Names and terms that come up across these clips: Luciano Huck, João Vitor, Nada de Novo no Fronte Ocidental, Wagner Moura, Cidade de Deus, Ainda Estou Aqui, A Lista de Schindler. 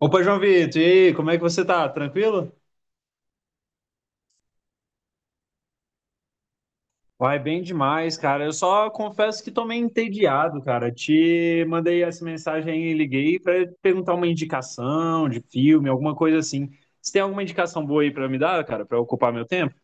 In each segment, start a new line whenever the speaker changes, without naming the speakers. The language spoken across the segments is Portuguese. Opa, João Vitor, e aí, como é que você tá? Tranquilo? Vai bem demais, cara. Eu só confesso que tô meio entediado, cara. Te mandei essa mensagem aí, e liguei pra perguntar uma indicação de filme, alguma coisa assim. Você tem alguma indicação boa aí pra me dar, cara, pra ocupar meu tempo?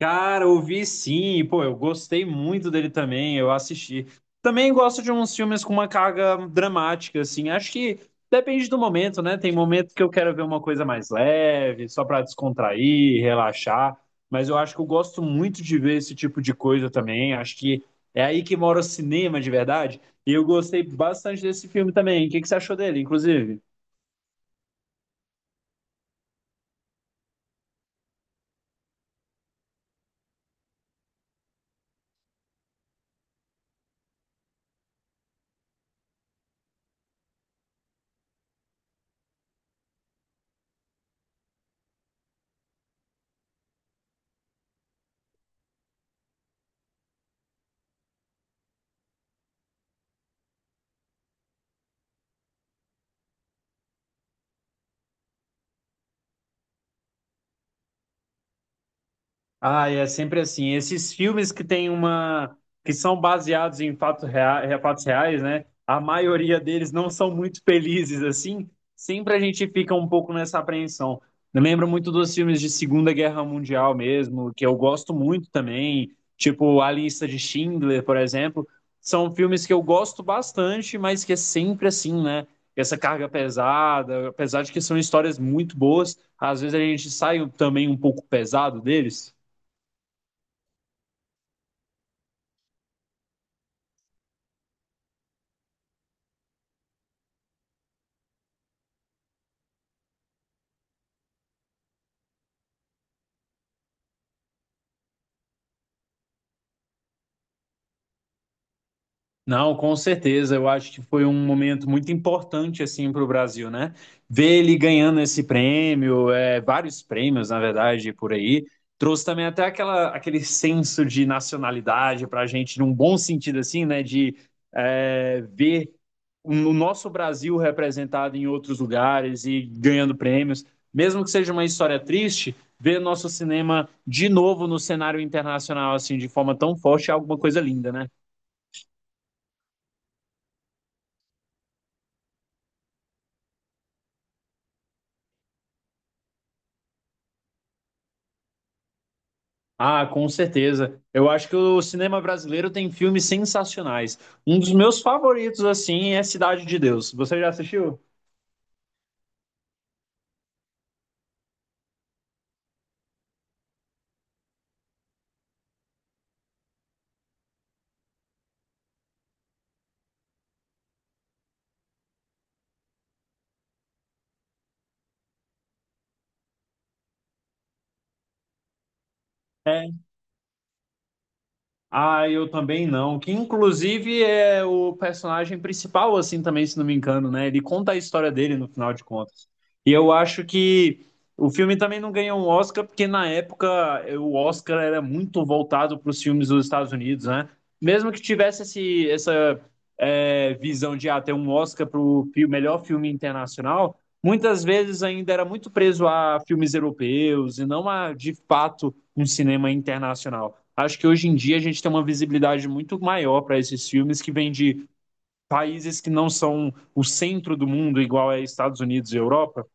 Cara, ouvi sim, pô, eu gostei muito dele também, eu assisti. Também gosto de uns filmes com uma carga dramática, assim, acho que depende do momento, né? Tem momentos que eu quero ver uma coisa mais leve, só pra descontrair, relaxar, mas eu acho que eu gosto muito de ver esse tipo de coisa também, acho que é aí que mora o cinema de verdade, e eu gostei bastante desse filme também. O que que você achou dele, inclusive? Ah, é sempre assim. Esses filmes que tem uma, que são baseados em fatos reais, né? A maioria deles não são muito felizes assim. Sempre a gente fica um pouco nessa apreensão. Eu lembro muito dos filmes de Segunda Guerra Mundial mesmo, que eu gosto muito também, tipo A Lista de Schindler, por exemplo. São filmes que eu gosto bastante, mas que é sempre assim, né? Essa carga pesada, apesar de que são histórias muito boas, às vezes a gente sai também um pouco pesado deles. Não, com certeza. Eu acho que foi um momento muito importante assim para o Brasil, né? Ver ele ganhando esse prêmio, é, vários prêmios, na verdade, por aí, trouxe também até aquela, aquele senso de nacionalidade para a gente, num bom sentido assim, né? De é, ver o nosso Brasil representado em outros lugares e ganhando prêmios, mesmo que seja uma história triste, ver nosso cinema de novo no cenário internacional assim, de forma tão forte é alguma coisa linda, né? Ah, com certeza. Eu acho que o cinema brasileiro tem filmes sensacionais. Um dos meus favoritos, assim, é Cidade de Deus. Você já assistiu? Ah, eu também não. Que inclusive é o personagem principal, assim, também, se não me engano, né? Ele conta a história dele no final de contas. E eu acho que o filme também não ganhou um Oscar, porque na época o Oscar era muito voltado para os filmes dos Estados Unidos, né? Mesmo que tivesse esse, essa visão de ah, ter um Oscar para o melhor filme internacional, muitas vezes ainda era muito preso a filmes europeus e não a, de fato, um cinema internacional. Acho que hoje em dia a gente tem uma visibilidade muito maior para esses filmes que vêm de países que não são o centro do mundo, igual é Estados Unidos e Europa.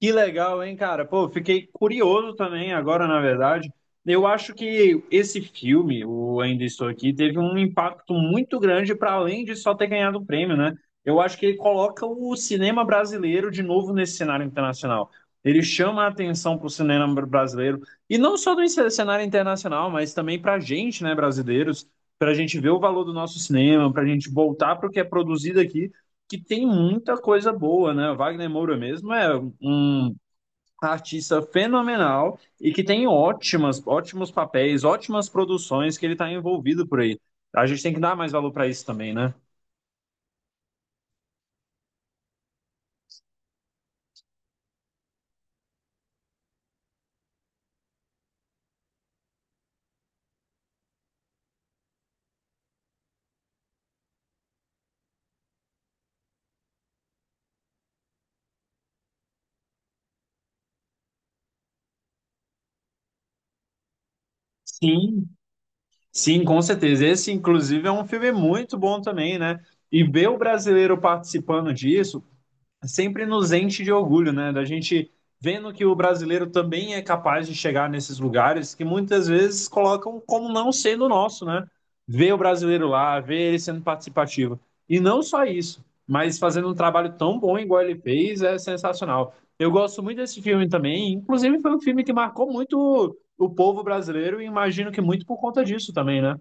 Que legal, hein, cara? Pô, fiquei curioso também agora, na verdade. Eu acho que esse filme, o Ainda Estou Aqui, teve um impacto muito grande para além de só ter ganhado o prêmio, né? Eu acho que ele coloca o cinema brasileiro de novo nesse cenário internacional. Ele chama a atenção para o cinema brasileiro, e não só do cenário internacional, mas também para a gente, né, brasileiros, para a gente ver o valor do nosso cinema, para a gente voltar para o que é produzido aqui que tem muita coisa boa, né? O Wagner Moura mesmo é um artista fenomenal e que tem ótimas, ótimos papéis, ótimas produções que ele está envolvido por aí. A gente tem que dar mais valor para isso também, né? Sim, sim, com certeza. Esse, inclusive, é um filme muito bom também, né? E ver o brasileiro participando disso, sempre nos enche de orgulho, né? Da gente vendo que o brasileiro também é capaz de chegar nesses lugares que muitas vezes colocam como não sendo nosso, né? Ver o brasileiro lá, ver ele sendo participativo. E não só isso, mas fazendo um trabalho tão bom igual ele fez é sensacional. Eu gosto muito desse filme também, inclusive foi um filme que marcou muito o povo brasileiro e imagino que muito por conta disso também, né?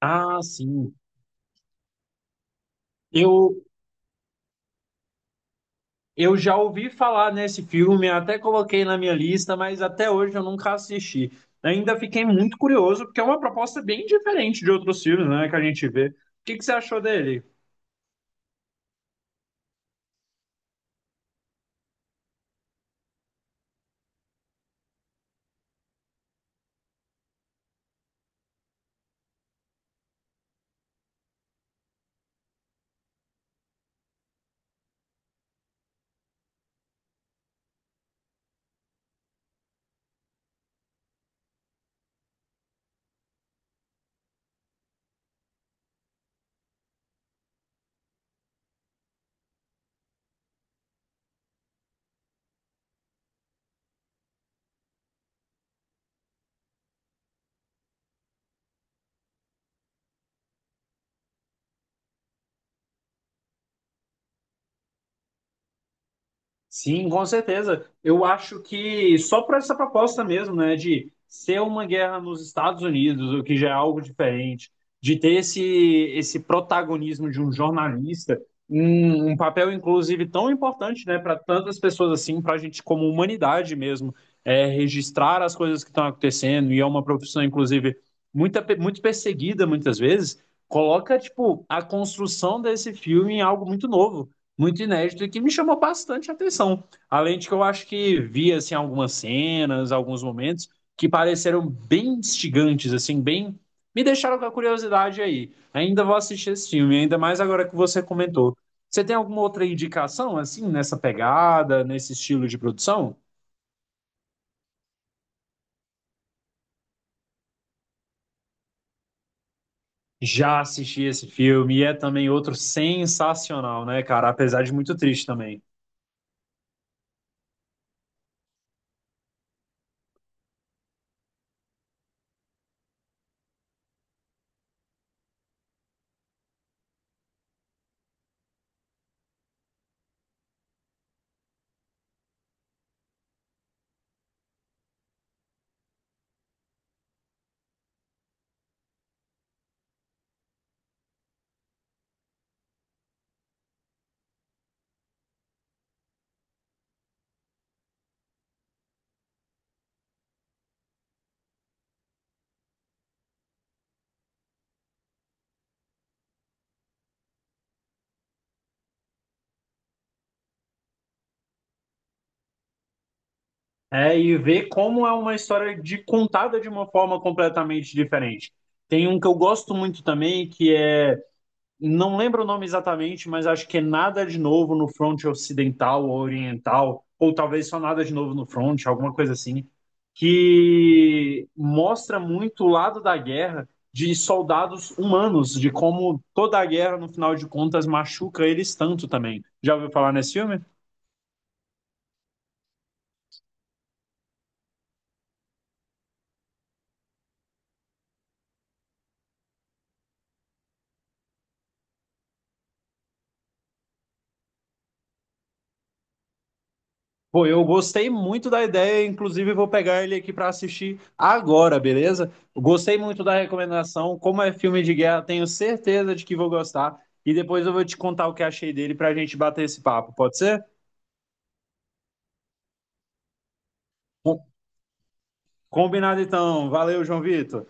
Ah, sim. Eu, eu já ouvi falar nesse filme, até coloquei na minha lista, mas até hoje eu nunca assisti. Ainda fiquei muito curioso, porque é uma proposta bem diferente de outros filmes, né, que a gente vê. O que que você achou dele? Sim, com certeza. Eu acho que só por essa proposta mesmo, né, de ser uma guerra nos Estados Unidos, o que já é algo diferente, de ter esse protagonismo de um jornalista, um papel inclusive tão importante, né, para tantas pessoas assim, para a gente como humanidade mesmo, é, registrar as coisas que estão acontecendo, e é uma profissão inclusive muito perseguida muitas vezes, coloca tipo a construção desse filme em algo muito novo muito inédito e que me chamou bastante atenção. Além de que eu acho que vi assim algumas cenas, alguns momentos que pareceram bem instigantes, assim, bem me deixaram com a curiosidade aí. Ainda vou assistir esse filme, ainda mais agora que você comentou. Você tem alguma outra indicação assim nessa pegada, nesse estilo de produção? Já assisti esse filme e é também outro sensacional, né, cara? Apesar de muito triste também. É, e ver como é uma história de contada de uma forma completamente diferente. Tem um que eu gosto muito também, que é, não lembro o nome exatamente, mas acho que é Nada de Novo no Fronte Ocidental ou Oriental, ou talvez só Nada de Novo no Fronte, alguma coisa assim, que mostra muito o lado da guerra de soldados humanos, de como toda a guerra, no final de contas, machuca eles tanto também. Já ouviu falar nesse filme? Pô, eu gostei muito da ideia, inclusive vou pegar ele aqui para assistir agora, beleza? Gostei muito da recomendação. Como é filme de guerra, tenho certeza de que vou gostar. E depois eu vou te contar o que achei dele para a gente bater esse papo, pode ser? Com- Combinado então. Valeu, João Vitor.